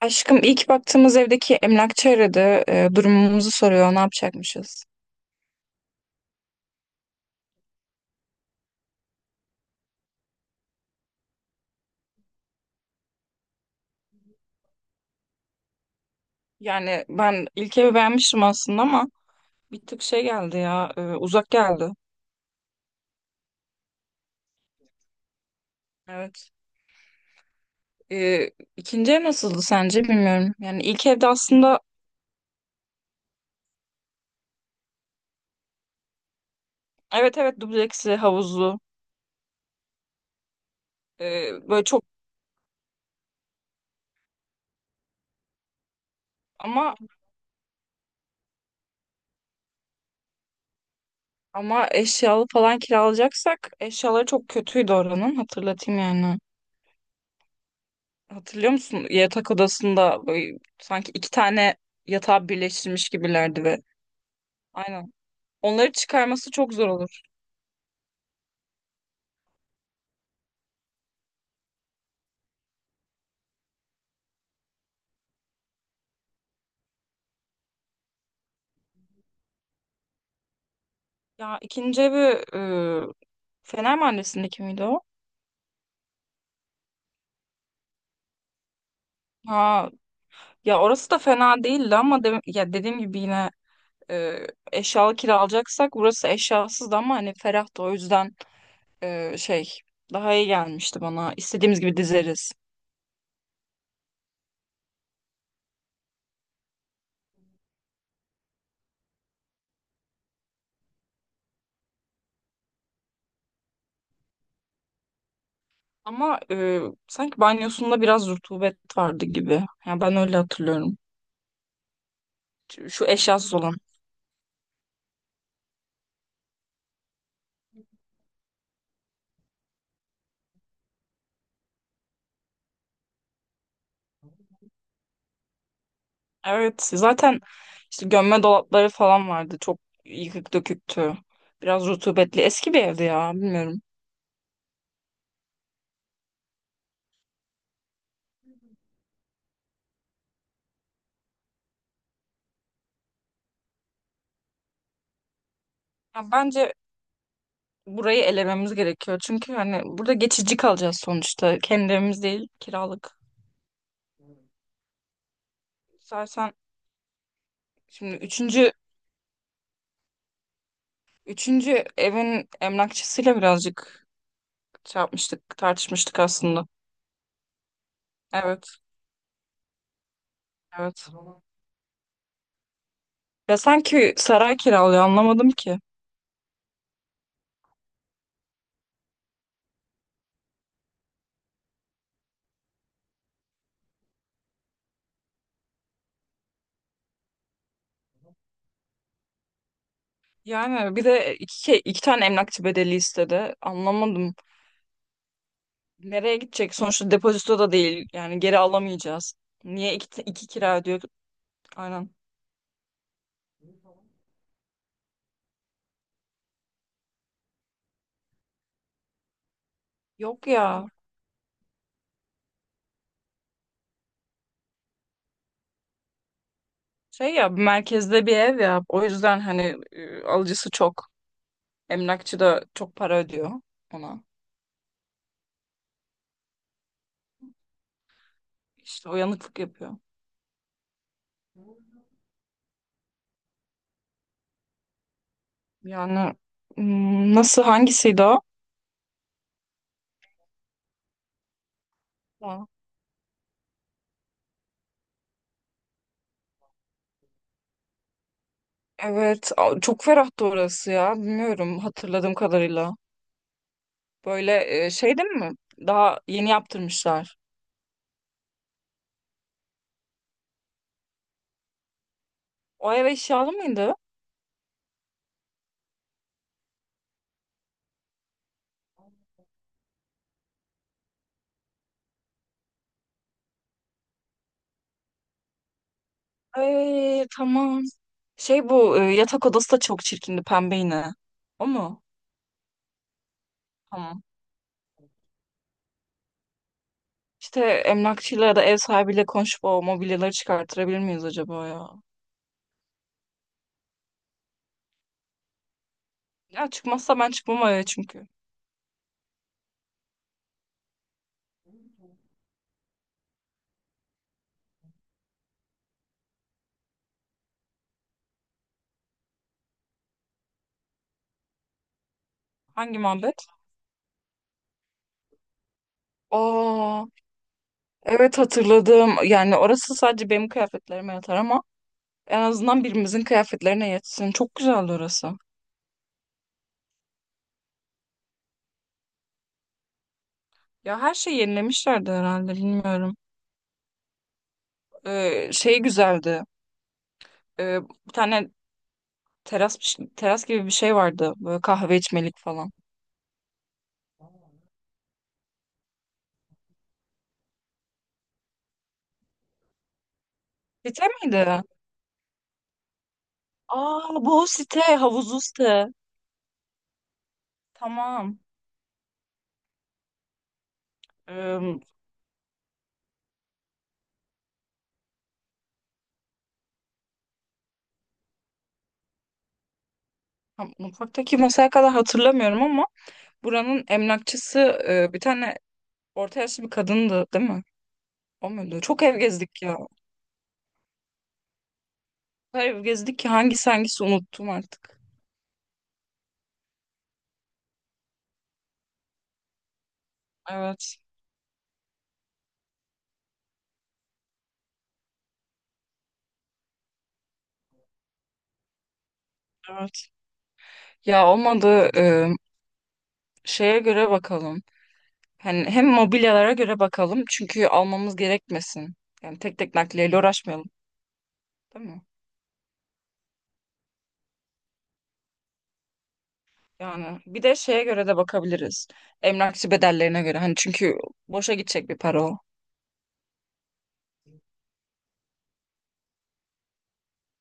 Aşkım ilk baktığımız evdeki emlakçı aradı. Durumumuzu soruyor. Ne yapacakmışız? Yani ben ilk evi beğenmiştim aslında ama bir tık şey geldi ya. Uzak geldi. Evet. Ee, ikinci ev nasıldı sence bilmiyorum. Yani ilk evde aslında evet evet dubleksli, havuzlu. Böyle çok ama eşyalı falan kiralayacaksak eşyaları çok kötüydü oranın. Hatırlatayım yani. Hatırlıyor musun? Yatak odasında böyle sanki iki tane yatağı birleştirmiş gibilerdi ve aynen. Onları çıkarması çok zor olur. Ya ikinci evi e, Fener Mahallesi'ndeki miydi o? Ha, ya orası da fena değildi ama ya dediğim gibi yine e, eşyalı kiralayacaksak burası eşyasızdı ama hani ferah da o yüzden şey daha iyi gelmişti bana. İstediğimiz gibi dizeriz. Ama sanki banyosunda biraz rutubet vardı gibi. Yani ben öyle hatırlıyorum. Şu eşyasız olan. Evet zaten işte gömme dolapları falan vardı. Çok yıkık döküktü. Biraz rutubetli. Eski bir evdi ya bilmiyorum. Ya bence burayı elememiz gerekiyor. Çünkü hani burada geçici kalacağız sonuçta. Kendi evimiz değil kiralık. İstersen şimdi üçüncü evin emlakçısıyla birazcık şey yapmıştık, tartışmıştık aslında. Evet, evet. Ya sanki saray kiralıyor anlamadım ki. Yani bir de iki, şey, iki tane emlakçı bedeli istedi. Anlamadım. Nereye gidecek? Sonuçta depozito da değil. Yani geri alamayacağız. Niye iki kira ödüyor? Aynen. Yok ya. Şey ya merkezde bir ev ya. O yüzden hani alıcısı çok. Emlakçı da çok para ödüyor ona. İşte uyanıklık yapıyor. Yani hmm, nasıl hangisiydi o? Ha, evet, çok ferahtı orası ya. Bilmiyorum hatırladığım kadarıyla. Böyle şey değil mi? Daha yeni yaptırmışlar. O ev eşyalı mıydı? Ay tamam. Şey bu yatak odası da çok çirkindi pembe yine. O mu? Tamam. İşte emlakçıyla ya da ev sahibiyle konuşup o mobilyaları çıkarttırabilir miyiz acaba ya? Ya çıkmazsa ben çıkmam o eve çünkü. Hangi muhabbet? Aa. Evet hatırladım. Yani orası sadece benim kıyafetlerime yatar ama en azından birimizin kıyafetlerine yetsin. Çok güzeldi orası. Ya her şeyi yenilemişlerdi herhalde bilmiyorum. Şey güzeldi. Ee, Bir tane teras teras gibi bir şey vardı. Böyle kahve içmelik falan. Site miydi? Aa bu o site. Havuzlu site. Tamam. Ee, Mutfaktaki masaya kadar hatırlamıyorum ama buranın emlakçısı bir tane orta yaşlı bir kadındı değil mi? O muydu? Çok ev gezdik ya. Kadar ev gezdik ki hangisi unuttum artık. Evet, evet. Ya olmadı şeye göre bakalım. Hani hem mobilyalara göre bakalım çünkü almamız gerekmesin. Yani tek tek nakliyeyle uğraşmayalım, değil mi? Yani bir de şeye göre de bakabiliriz. Emlakçı bedellerine göre. Hani çünkü boşa gidecek bir para o.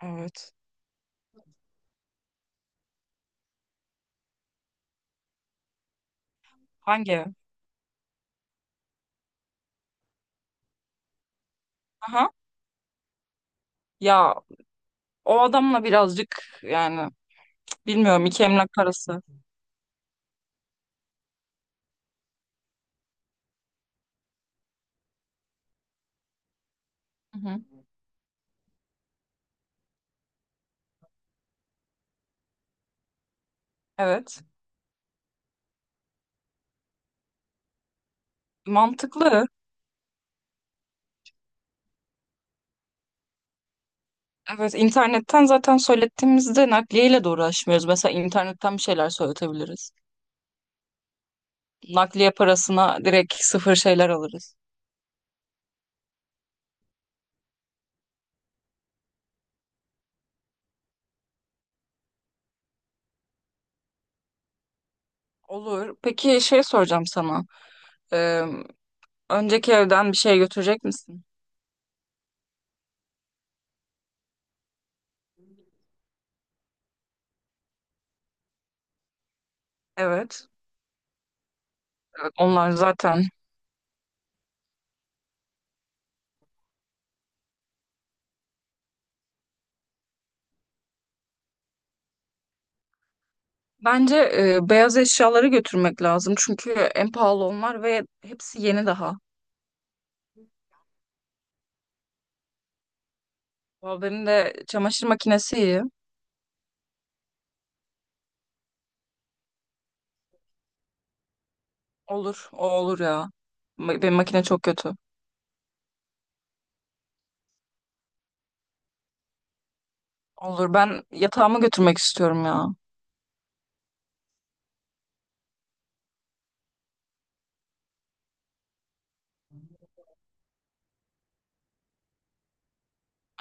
Evet. Hangi ev? Aha. Ya o adamla birazcık yani cık, bilmiyorum iki emlak parası. Hı hı. Evet. Mantıklı. Evet, internetten zaten söylettiğimizde nakliyeyle de uğraşmıyoruz. Mesela internetten bir şeyler söyletebiliriz. Nakliye parasına direkt sıfır şeyler alırız. Olur. Peki şey soracağım sana. Ee, Önceki evden bir şey götürecek misin? Evet. Evet, onlar zaten. Bence beyaz eşyaları götürmek lazım. Çünkü en pahalı onlar ve hepsi yeni daha. Benim de çamaşır makinesi iyi. Olur. O olur ya. Benim makine çok kötü. Olur. Ben yatağımı götürmek istiyorum ya.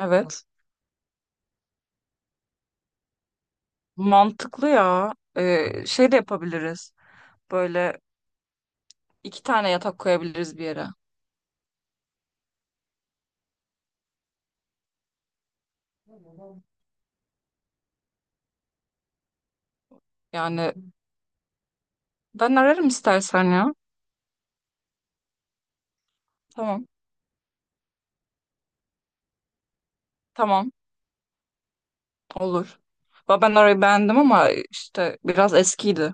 Evet. Mantıklı ya. Şey de yapabiliriz. Böyle iki tane yatak koyabiliriz bir yere. Yani ben ararım istersen ya. Tamam. Tamam. Olur. Ben orayı beğendim ama işte biraz eskiydi.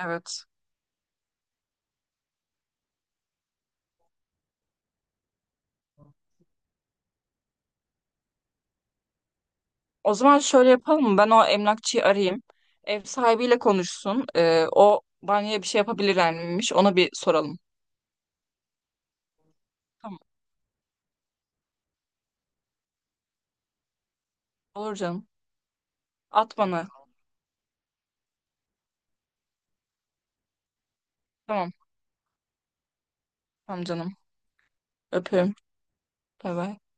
Evet. O zaman şöyle yapalım mı? Ben o emlakçıyı arayayım. Ev sahibiyle konuşsun. O banyoya bir şey yapabilir miymiş? Ona bir soralım. Tamam. Olur canım. At bana. Tamam. Tamam canım. Öpüyorum. Bay bay.